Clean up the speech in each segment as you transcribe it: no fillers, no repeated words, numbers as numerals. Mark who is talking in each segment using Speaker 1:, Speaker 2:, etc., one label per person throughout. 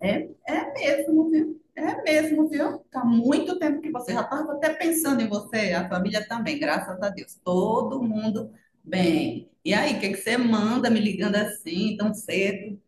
Speaker 1: É mesmo, viu? É mesmo, viu? Tá muito tempo que você já estava até pensando em você, a família também, graças a Deus. Todo mundo bem. E aí, o que é que você manda me ligando assim, tão cedo?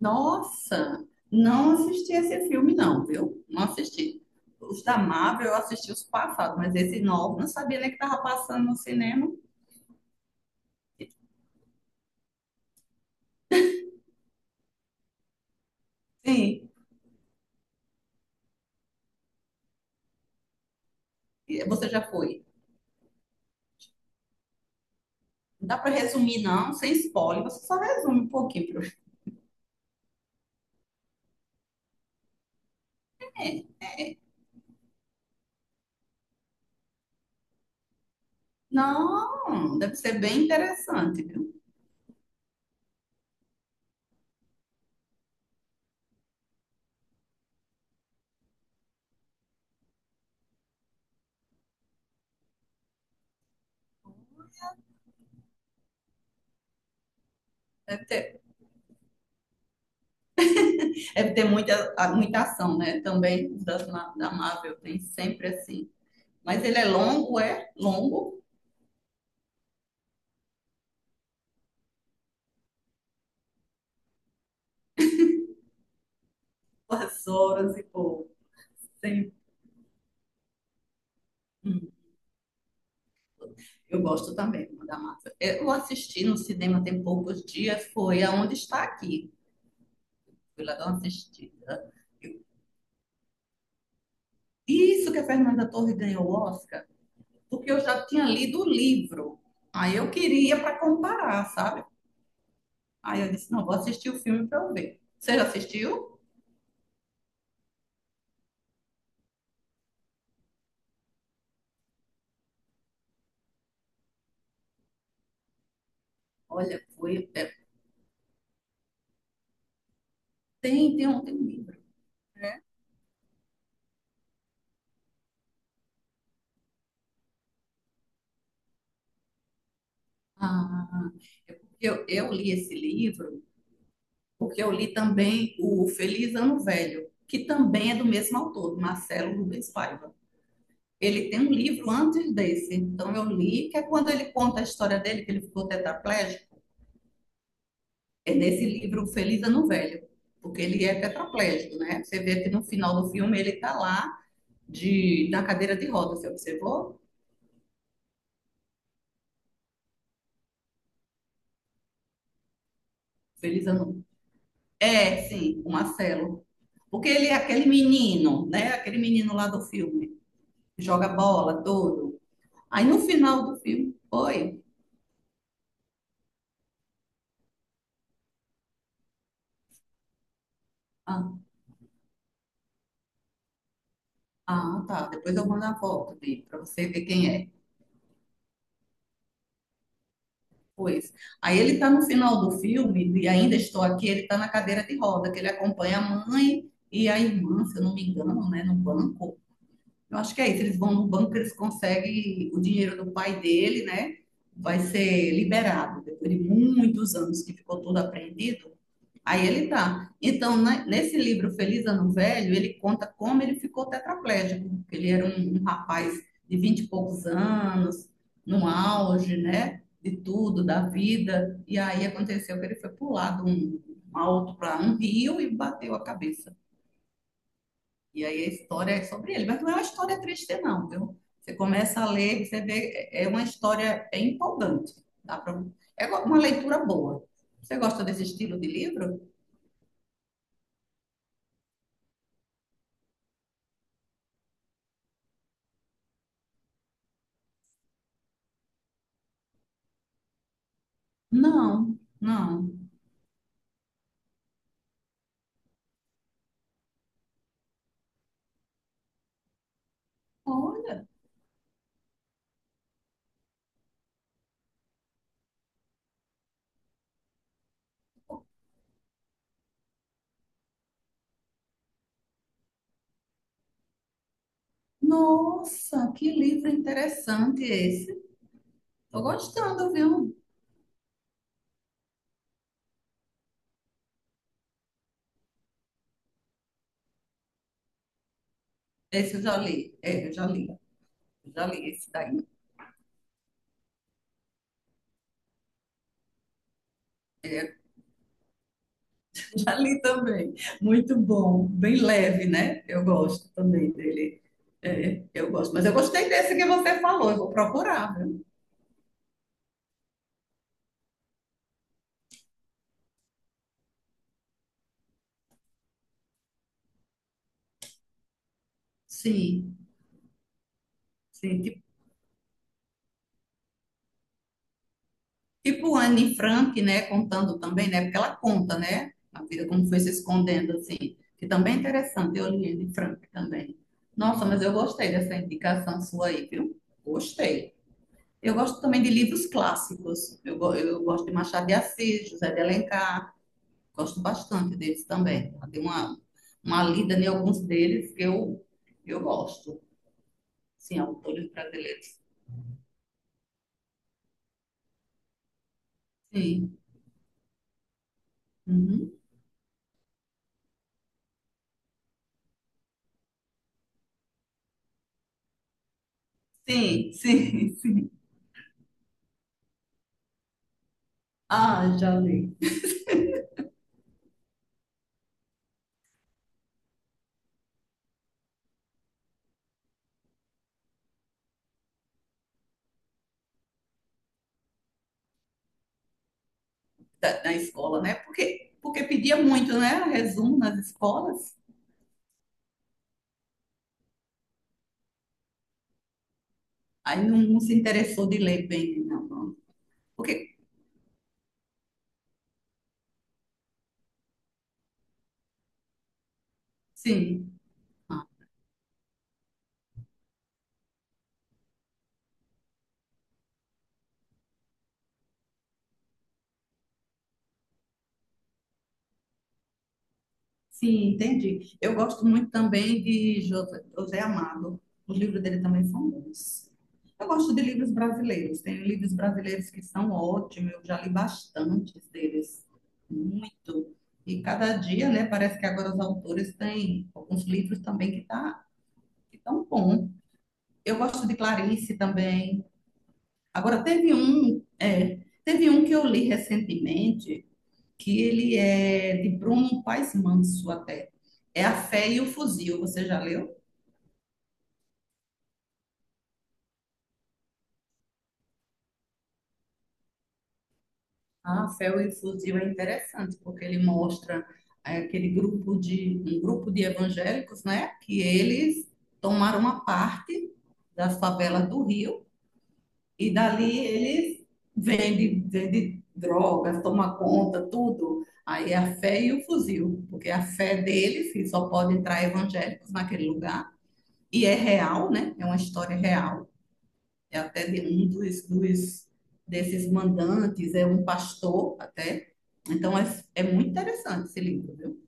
Speaker 1: Nossa, não assisti esse filme, não, viu? Não assisti. Os da Marvel eu assisti os passados, mas esse novo não sabia nem que estava passando no cinema. Sim, e você já foi. Não dá para resumir, não, sem spoiler, você só resume um pouquinho. Não, deve ser bem interessante, viu? Deve ter, deve ter muita, muita ação, né? Também das, da Marvel tem sempre assim. Mas ele é longo, 2 horas e pouco. Sim. Hum, Eu gosto também da Marvel. Eu assisti no cinema tem poucos dias, foi Aonde Está Aqui. Fui lá dar uma assistida. Eu- Isso que a Fernanda Torres ganhou o Oscar, porque eu já tinha lido o livro. Aí eu queria para comparar, sabe? Aí eu disse, não, vou assistir o filme para eu ver. Você já assistiu? Olha, foi. Tem um livro. Ah, é porque eu li esse livro, porque eu li também o Feliz Ano Velho, que também é do mesmo autor, do Marcelo Rubens Paiva. Ele tem um livro antes desse, então eu li, que é quando ele conta a história dele, que ele ficou tetraplégico, é nesse livro Feliz Ano Velho, porque ele é tetraplégico, né? Você vê que no final do filme ele está lá de, na cadeira de rodas, você observou? Feliz Ano É, sim, o Marcelo. Porque ele é aquele menino, né? Aquele menino lá do filme. Que joga bola, tudo. Aí no final do filme, foi. Ah, ah, tá. Depois eu mando a foto dele para você ver quem é. Pois. Aí ele tá no final do filme, e ainda estou aqui, ele tá na cadeira de roda, que ele acompanha a mãe e a irmã, se eu não me engano, né? No banco. Eu acho que é isso. Eles vão no banco, eles conseguem o dinheiro do pai dele, né? Vai ser liberado depois de muitos anos que ficou tudo apreendido. Aí ele tá. Então, né, nesse livro Feliz Ano Velho, ele conta como ele ficou tetraplégico. Porque ele era um rapaz de vinte e poucos anos, no auge, né? De tudo, da vida. E aí aconteceu que ele foi pular de um alto para um rio e bateu a cabeça. E aí a história é sobre ele, mas não é uma história triste, não, viu? Você começa a ler, você vê, é uma história bem empolgante. É uma leitura boa. Você gosta desse estilo de livro? Não, não. Olha, nossa, que livro interessante esse. Tô gostando, viu? Esse eu já li. É, eu já li. Eu já li esse daí. É, já li também. Muito bom. Bem leve, né? Eu gosto também dele. É, eu gosto. Mas eu gostei desse que você falou. Eu vou procurar, viu? Sim, sim. Tipo Anne Frank, né? Contando também, né? Porque ela conta, né? A vida como foi se escondendo, assim. Que também é interessante. Eu li Anne Frank também. Nossa, mas eu gostei dessa indicação sua aí, viu? Gostei. Eu gosto também de livros clássicos. Eu gosto de Machado de Assis, José de Alencar. Gosto bastante deles também. Ela tem uma lida em alguns deles que eu gosto. Sim, autores brasileiros. Sim. Uhum. Sim, sim, sim. Ah, já li. Da, da escola, né? Porque, porque pedia muito, né? Resumo nas escolas. Aí não, não se interessou de ler bem, né? Não. Porque, sim. Sim, entendi. Eu gosto muito também de José Amado. Os livros dele também são bons. Eu gosto de livros brasileiros. Tem livros brasileiros que são ótimos. Eu já li bastantes deles. Muito. E cada dia, né? Parece que agora os autores têm alguns livros também que tão bom. Eu gosto de Clarice também. Agora, teve um que eu li recentemente que ele é de Bruno Paes Manso até. É A Fé e o Fuzil, você já leu? Ah, A Fé e o Fuzil é interessante, porque ele mostra aquele um grupo de evangélicos, né, que eles tomaram uma parte da favela do Rio e dali eles vendem, vendem drogas, tomam conta, tudo. Aí é a fé e o fuzil, porque a fé deles, que só pode entrar evangélicos naquele lugar, e é real, né? É uma história real. É até de um dos desses mandantes, é um pastor até. Então é muito interessante esse livro, viu?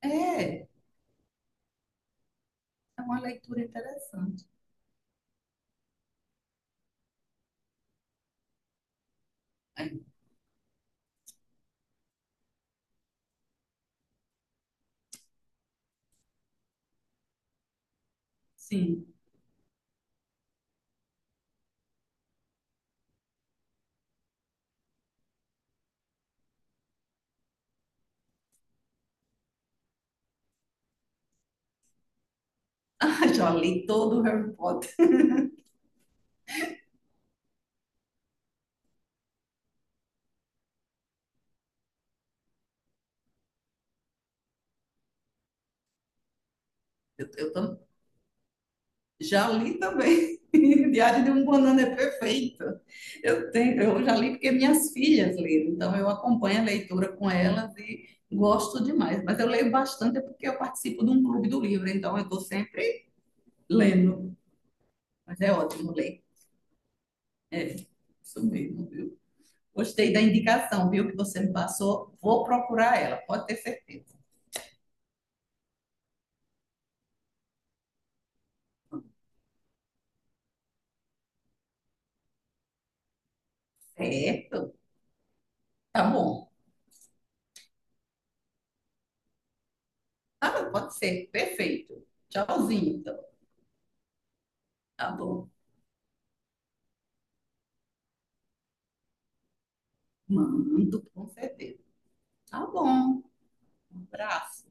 Speaker 1: É, é uma leitura interessante. É, sim, ah, já li todo o Harry Potter. Eu, eu tam- Já li também. Diário de um Banana é perfeito. Eu tenho, eu já li porque minhas filhas leram, então eu acompanho a leitura com elas e gosto demais. Mas eu leio bastante é porque eu participo de um clube do livro, então eu estou sempre lendo. Mas é ótimo ler. É, isso mesmo, viu? Gostei da indicação, viu, que você me passou. Vou procurar ela, pode ter certeza. Certo? Tá bom. Tá bom, pode ser. Perfeito. Tchauzinho, então. Tá bom. Mando, com certeza. Tá bom. Um abraço.